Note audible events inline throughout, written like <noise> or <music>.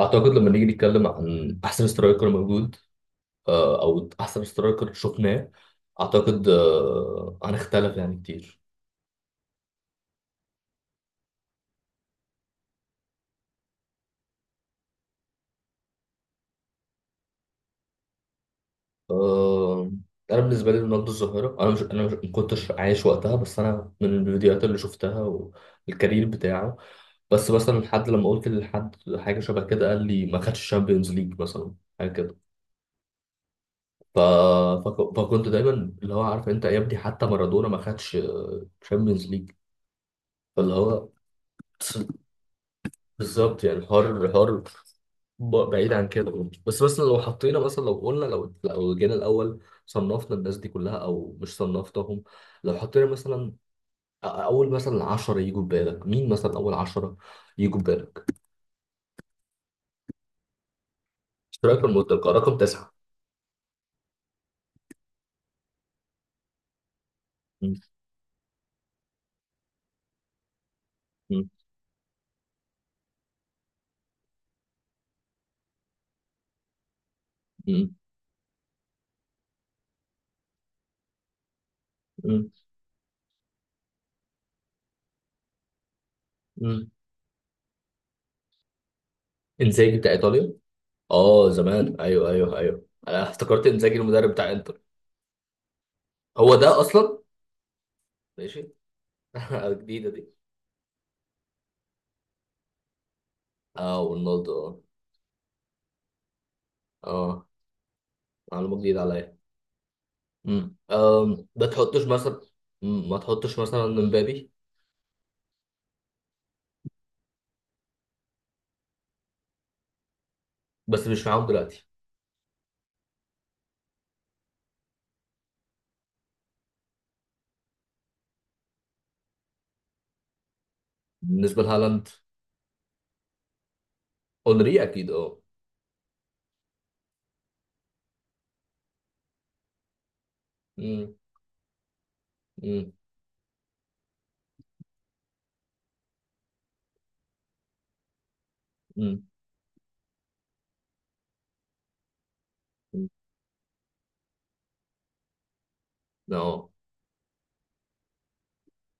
اعتقد لما نيجي نتكلم عن احسن سترايكر موجود، او احسن سترايكر شفناه. اعتقد هنختلف يعني كتير. آه، انا بالنسبه لي رونالدو الظاهره. انا مش ما كنتش عايش وقتها، بس انا من الفيديوهات اللي شفتها والكارير بتاعه. بس مثلا حد لما قلت لحد حاجه شبه كده قال لي ما خدش الشامبيونز ليج مثلا، حاجه كده. ف... فكنت دايما اللي هو: عارف انت يا ابني؟ حتى مارادونا ما خدش شامبيونز ليج. فاللي هو بالظبط يعني، حر حر. بعيد عن كده، بس مثلا لو حطينا مثلا، لو قلنا، لو جينا الاول صنفنا الناس دي كلها، او مش صنفتهم. لو حطينا مثلا اول مثلا 10 يجوا في بالك، مين مثلا اول 10 يجوا في بالك؟ اشتراك المطلقه رقم تسعة. م- م- م- م- م. انزاجي بتاع ايطاليا. اه زمان، ايوه ايوه ايوه، انا افتكرت انزاجي المدرب بتاع انتر. هو ده اصلا. ماشي. <laughs> جديده دي. اه رونالدو اه. اه معلومه جديده عليا. مم. أم، ما تحطوش مثلا. ما تحطوش مثلا مبابي. بس مش معاهم دلوقتي. بالنسبة لهالاند. اونري اكيد اه. مم. مم. مم. مم. اه.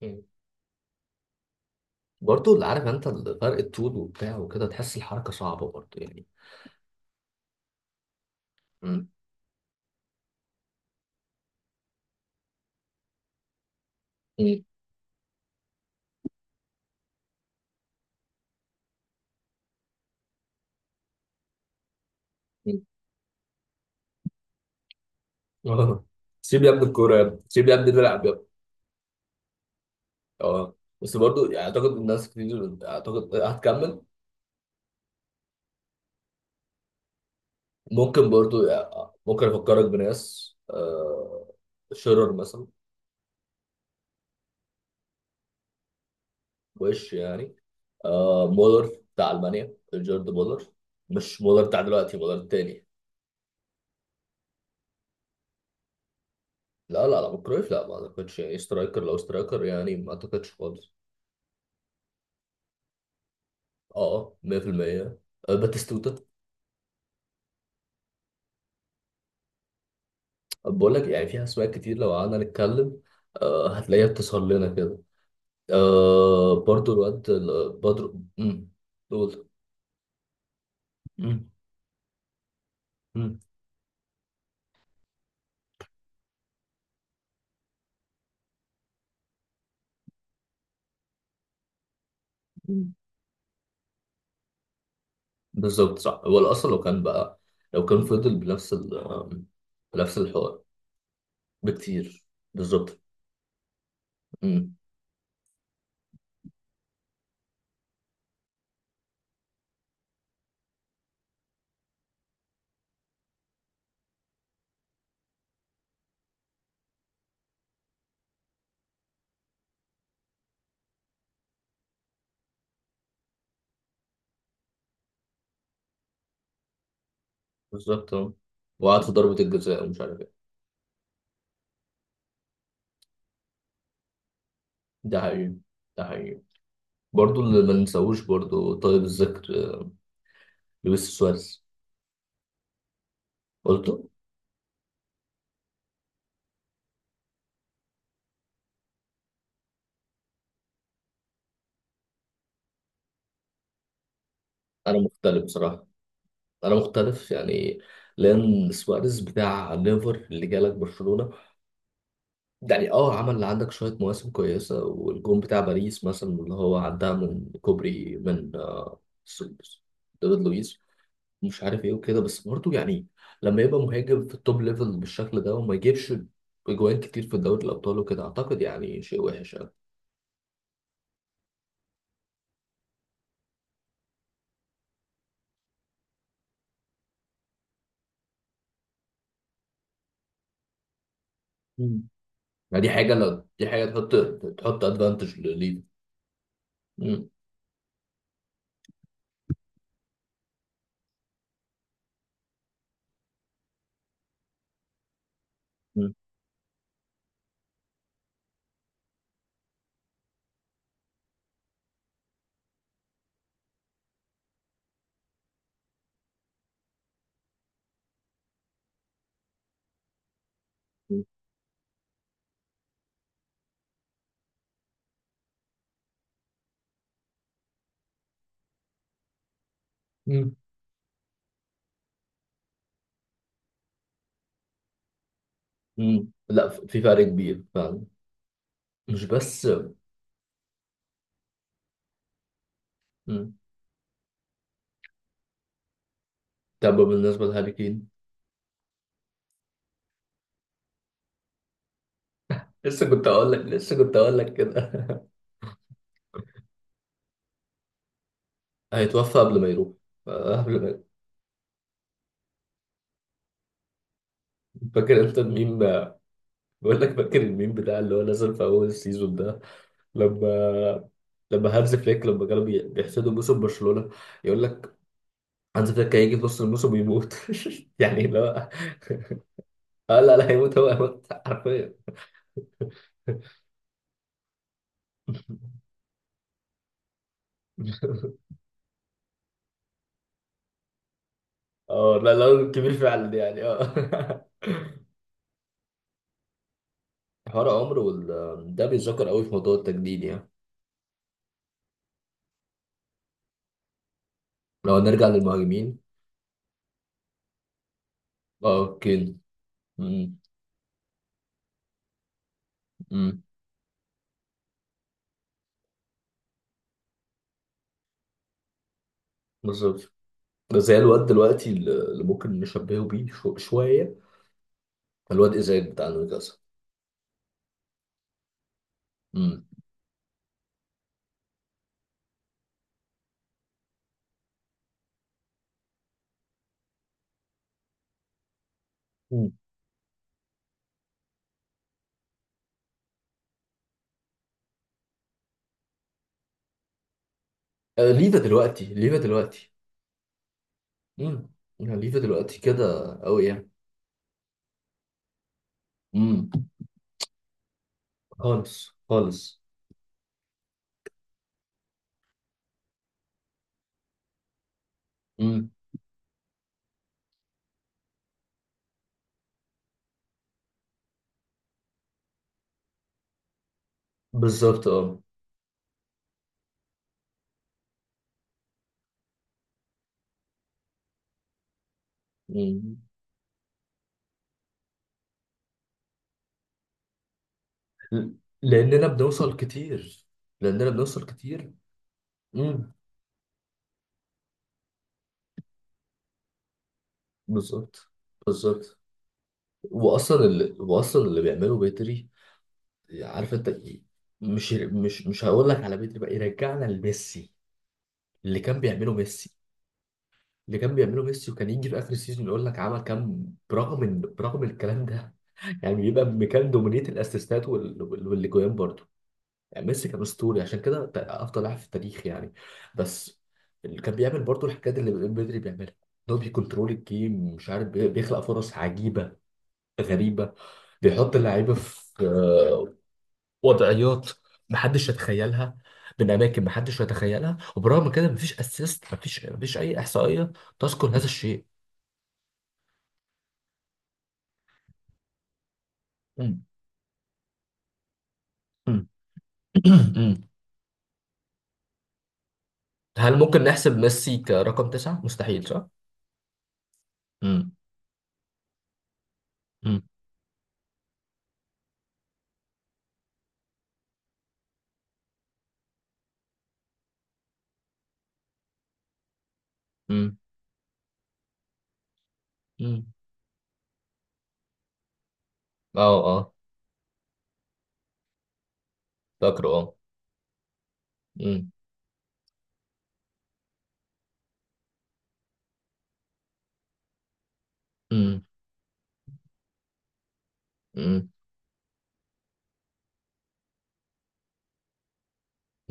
مم. برضه اللي عارف انت، فرق الطول وبتاع وكده، تحس الحركة صعبة برضه يعني. مم. مم. مم. آه. سيب يا ابني الكورة، يا ابني سيب يا ابني، نلعب يا ابني. اه، بس برضه يعني اعتقد الناس كتير، اعتقد هتكمل. ممكن برضه يعني، ممكن افكرك بناس، شيرر مثلا. وش يعني. مولر بتاع المانيا، جيرد مولر. مش مولر بتاع دلوقتي، مولر التاني. لا لا لا، كرويف لا، ما اعتقدش يعني سترايكر، لو سترايكر يعني ما اعتقدش خالص. اه، 100%. باتيستوتا. بقول لك يعني فيها اسماء كتير لو قعدنا نتكلم. هتلاقيها بتسهر لنا كده. برضو الواد بدر. دول. مم. مم. مم. بالظبط صح، هو الاصل، لو كان بقى، لو كان فضل بنفس ال آم، بنفس الحوار. بكتير. بالظبط. امم. بالظبط اه. وقعد في ضربة الجزاء ومش عارف ايه. ده حقيقي. ده حقيقي. برضه اللي ما ننساهوش برضه، طيب الذكر، لويس سواريز. قلته. انا مختلف بصراحة. انا مختلف يعني. لان سواريز بتاع ليفر اللي جالك برشلونة، يعني اه، عمل عندك شوية مواسم كويسة. والجون بتاع باريس مثلا اللي هو عدها من كوبري، من دافيد لويس، مش عارف ايه وكده، بس برضه يعني لما يبقى مهاجم في التوب ليفل بالشكل ده، وما يجيبش اجوان كتير في دوري الابطال وكده، اعتقد يعني شيء وحش يعني. مم. يعني دي حاجه، لو دي حاجه تحط، تحط ادفانتج لليفا. مم. مم. مم. مم. مم. لا، في فرق كبير فعلا. مش بس. مم. طب بالنسبه لهاري كين. لسه كنت اقول لك، لسه كنت اقول لك كده. <laughs> هيتوفى قبل ما يروح. قبل ما يروح. فاكر انت الميم. بقول لك فاكر الميم بتاع اللي هو نزل في اول السيزون ده، لما لما هانز فليك، لما كانوا بيحسدوا موسم برشلونة، يقول لك هانز فليك هيجي في نص الموسم ويموت. <laughs> يعني لا. آه لا لا، هيموت هو، هيموت حرفيا. <laughs> اه لا لا، هو كبير فعلا يعني اه. <laughs> حوار عمر وال، ده بيتذكر قوي في موضوع التجديد يعني. لو هنرجع للمهاجمين. اه اوكي. امم. امم. بالظبط. زي الواد دلوقتي اللي ممكن نشبهه بيه شوية. الواد إزاي بتاع نيوكاسل. امم. أمم. ليفا دلوقتي، ليفا دلوقتي. امم. الهليفة دلوقتي كده أوي يعني. امم. خالص خالص. امم. بالظبط اه. امم. ل- لأننا بنوصل كتير. لأننا بنوصل كتير. امم. بالظبط. بالظبط. وأصلا اللي، وأصلا اللي بيعمله بدري، عارف أنت إيه؟ مش هقول لك على بدري بقى يرجعنا لميسي. اللي كان بيعمله ميسي. اللي كان بيعمله ميسي، وكان يجي في اخر السيزون يقول لك عمل كام، برغم الكلام ده. <laughs> يعني بيبقى مكان دومينية الاسيستات والاجوان برضه. يعني ميسي كان اسطوري، عشان كده افضل لاعب في التاريخ يعني. بس. اللي كان بيعمل برضه الحاجات اللي بدري بيعملها، ان هو بيكنترول الجيم، مش عارف، بيخلق فرص عجيبه غريبه. بيحط اللعيبه في وضعيات محدش يتخيلها، من اماكن محدش يتخيلها. وبرغم كده، مفيش اسيست، مفيش اي احصائيه تذكر هذا الشيء. مم. مم. <clears throat> مم. هل ممكن نحسب ميسي كرقم تسعة؟ مستحيل صح؟ مم. مم. مم. مم. اه اه. فاكره اه. مم. مم. مم.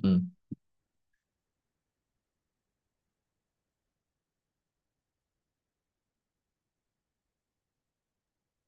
مم.